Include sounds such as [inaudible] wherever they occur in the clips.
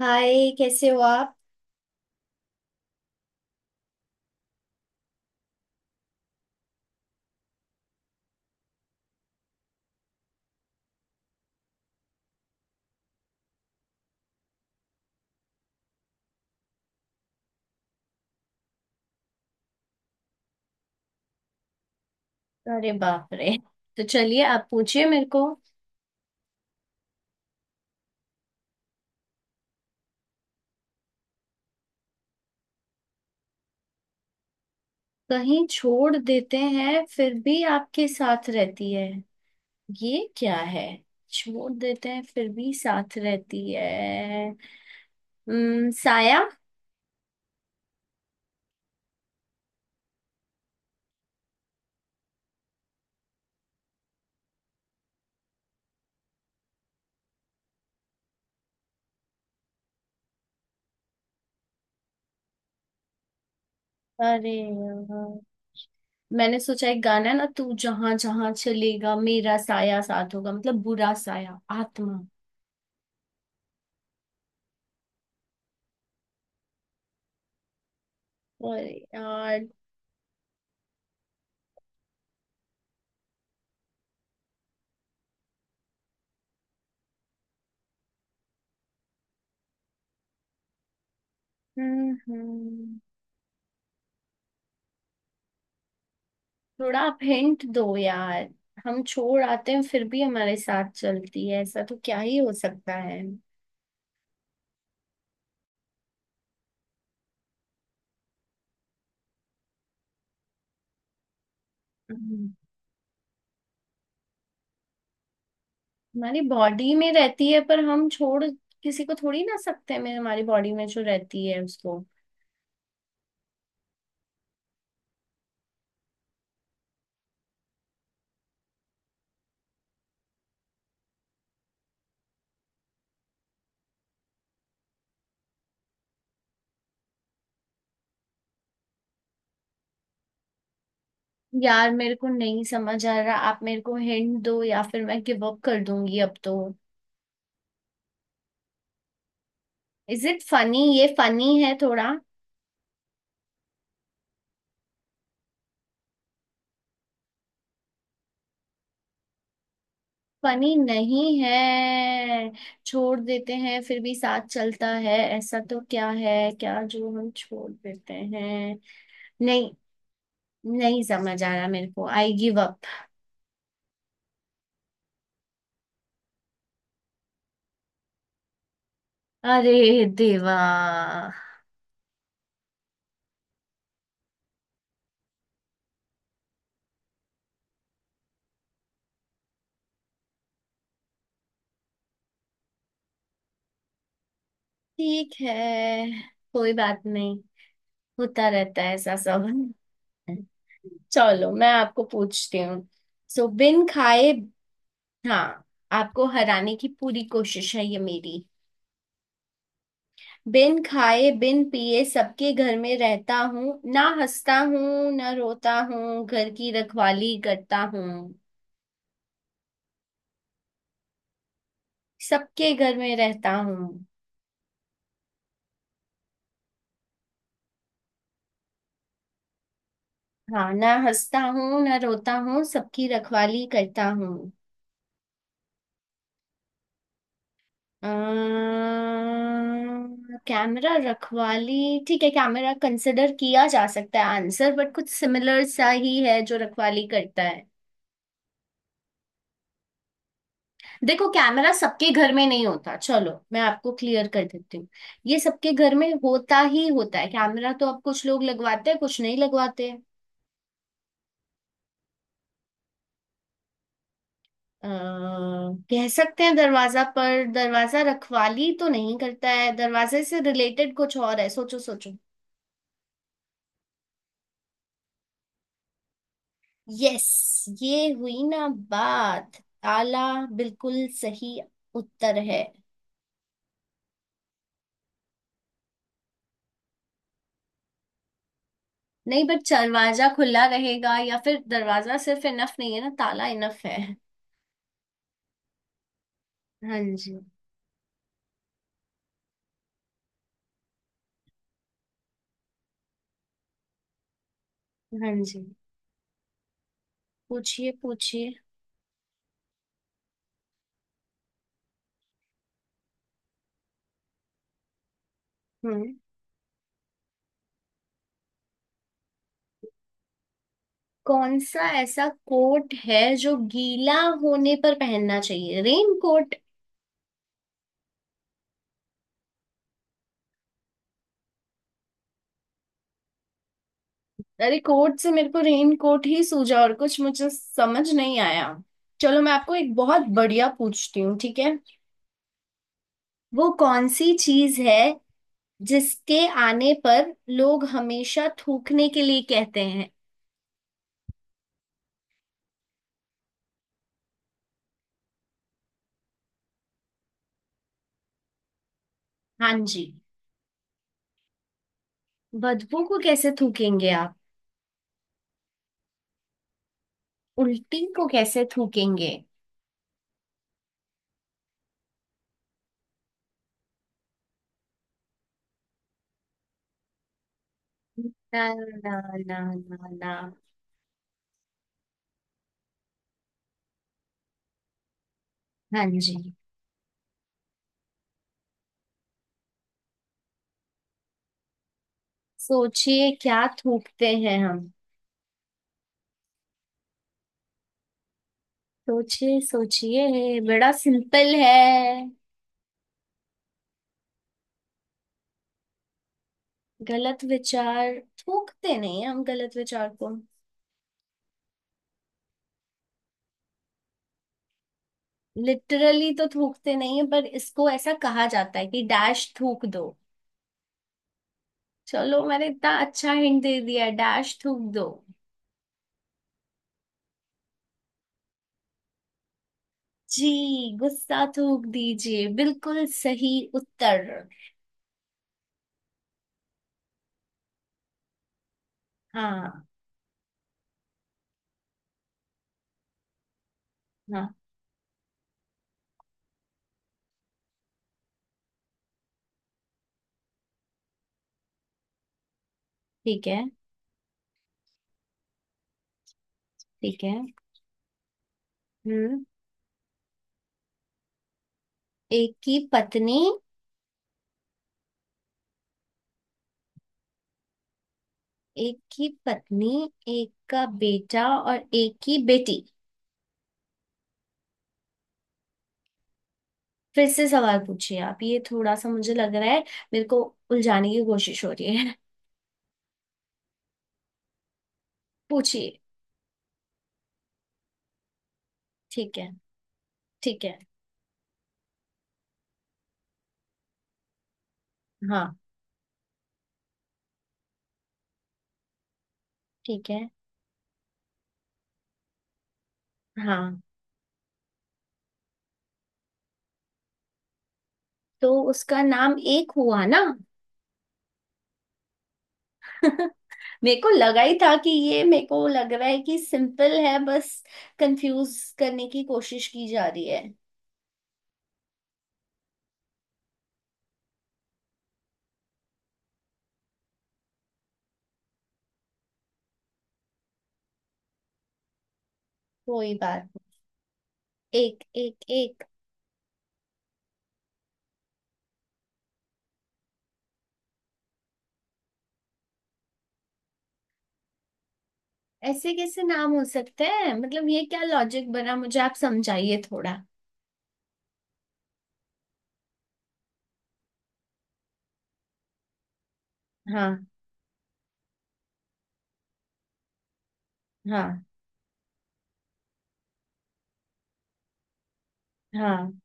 हाय, कैसे हो आप। अरे बाप रे। तो चलिए आप पूछिए मेरे को। कहीं छोड़ देते हैं फिर भी आपके साथ रहती है? ये क्या है? छोड़ देते हैं फिर भी साथ रहती है। साया। अरे यार, मैंने सोचा एक गाना है ना, तू जहां जहां चलेगा मेरा साया साथ होगा, मतलब बुरा साया, आत्मा। अरे यार। हम्म हम्म। थोड़ा आप हिंट दो यार। हम छोड़ आते हैं फिर भी हमारे साथ चलती है, ऐसा तो क्या ही हो सकता है। हम्म, हमारी बॉडी में रहती है पर हम छोड़ किसी को थोड़ी ना सकते हैं। मैं हमारी बॉडी में जो रहती है उसको, यार मेरे को नहीं समझ आ रहा। आप मेरे को हिंट दो या फिर मैं गिव अप कर दूंगी अब तो। Is it funny? ये फनी है थोड़ा? फनी नहीं है। छोड़ देते हैं फिर भी साथ चलता है, ऐसा तो क्या है क्या, जो हम छोड़ देते हैं? नहीं, नहीं समझ आ रहा मेरे को। I give up. अरे देवा। ठीक है, कोई बात नहीं। होता रहता है ऐसा सब। चलो, मैं आपको पूछती हूँ। सो, बिन खाए। हाँ। आपको हराने की पूरी कोशिश है ये मेरी। बिन खाए बिन पिए सबके घर में रहता हूँ, ना हंसता हूँ ना रोता हूँ, घर की रखवाली करता हूँ। सबके घर में रहता हूँ। हाँ, ना हंसता हूँ ना रोता हूँ, सबकी रखवाली करता हूँ। कैमरा? रखवाली। ठीक है, कैमरा कंसिडर किया जा सकता है आंसर, बट कुछ सिमिलर सा ही है जो रखवाली करता है। देखो, कैमरा सबके घर में नहीं होता। चलो, मैं आपको क्लियर कर देती हूँ। ये सबके घर में होता ही होता है, कैमरा तो अब कुछ लोग लगवाते हैं कुछ नहीं लगवाते। अ, कह सकते हैं दरवाजा, पर दरवाजा रखवाली तो नहीं करता है। दरवाजे से रिलेटेड कुछ और है, सोचो सोचो। यस, ये हुई ना बात। ताला, बिल्कुल सही उत्तर है। नहीं बट दरवाजा खुला रहेगा, या फिर दरवाजा सिर्फ इनफ नहीं है ना, ताला इनफ है। हाँ जी। हाँ जी, पूछिए पूछिए। हम्म। कौन सा ऐसा कोट है जो गीला होने पर पहनना चाहिए? Rain coat. अरे कोट से मेरे को रेन कोट ही सूझा और कुछ मुझे समझ नहीं आया। चलो मैं आपको एक बहुत बढ़िया पूछती हूँ, ठीक है। वो कौन सी चीज है जिसके आने पर लोग हमेशा थूकने के लिए कहते हैं? हाँ जी। बदबू को कैसे थूकेंगे आप? उल्टी को कैसे थूकेंगे? ना ना, ना ना ना। हाँ जी। सोचिए, क्या थूकते हैं हम? सोचिए सोचिए, बड़ा सिंपल है। गलत विचार थूकते नहीं है हम गलत विचार को। लिटरली तो थूकते नहीं है, पर इसको ऐसा कहा जाता है कि डैश थूक दो। चलो मैंने इतना अच्छा हिंट दे दिया, डैश थूक दो। जी, गुस्सा थूक दीजिए, बिल्कुल सही उत्तर। हाँ। हाँ, ठीक है। ठीक है। हम्म। एक की पत्नी। एक की पत्नी, एक का बेटा और एक की बेटी। फिर से सवाल पूछिए आप, ये थोड़ा सा मुझे लग रहा है मेरे को उलझाने की कोशिश हो रही है। [laughs] पूछिए। ठीक है। ठीक है। हाँ। ठीक है। हाँ, तो उसका नाम एक हुआ ना? [laughs] मेरे को लगा ही था कि ये, मेरे को लग रहा है कि सिंपल है बस, कंफ्यूज करने की कोशिश की जा रही है। कोई बात नहीं। एक, एक, एक। ऐसे कैसे नाम हो सकते हैं? मतलब ये क्या लॉजिक बना, मुझे आप समझाइए थोड़ा। हाँ। हाँ। हाँ।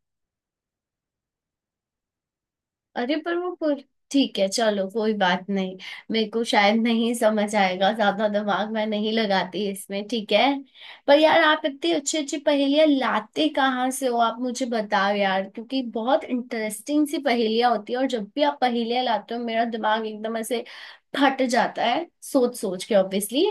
अरे पर वो पुर... ठीक है, चलो कोई बात नहीं। मेरे को शायद नहीं समझ आएगा, ज्यादा दिमाग मैं नहीं लगाती इसमें, ठीक है। पर यार, आप इतनी अच्छी अच्छी पहेलियां लाते कहाँ से हो, आप मुझे बताओ यार, क्योंकि बहुत इंटरेस्टिंग सी पहेलियां होती है, और जब भी आप पहेलियां लाते हो मेरा दिमाग एकदम ऐसे फट जाता है सोच सोच के, ऑब्वियसली।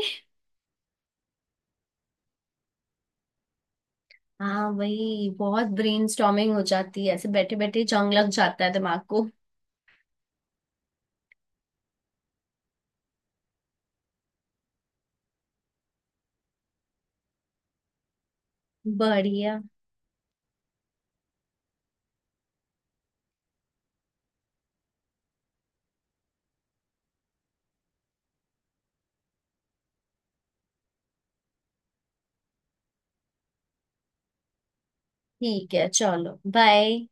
हाँ वही, बहुत ब्रेनस्टॉर्मिंग हो जाती है, ऐसे बैठे बैठे जंग लग जाता है दिमाग को। बढ़िया। ठीक है चलो, बाय।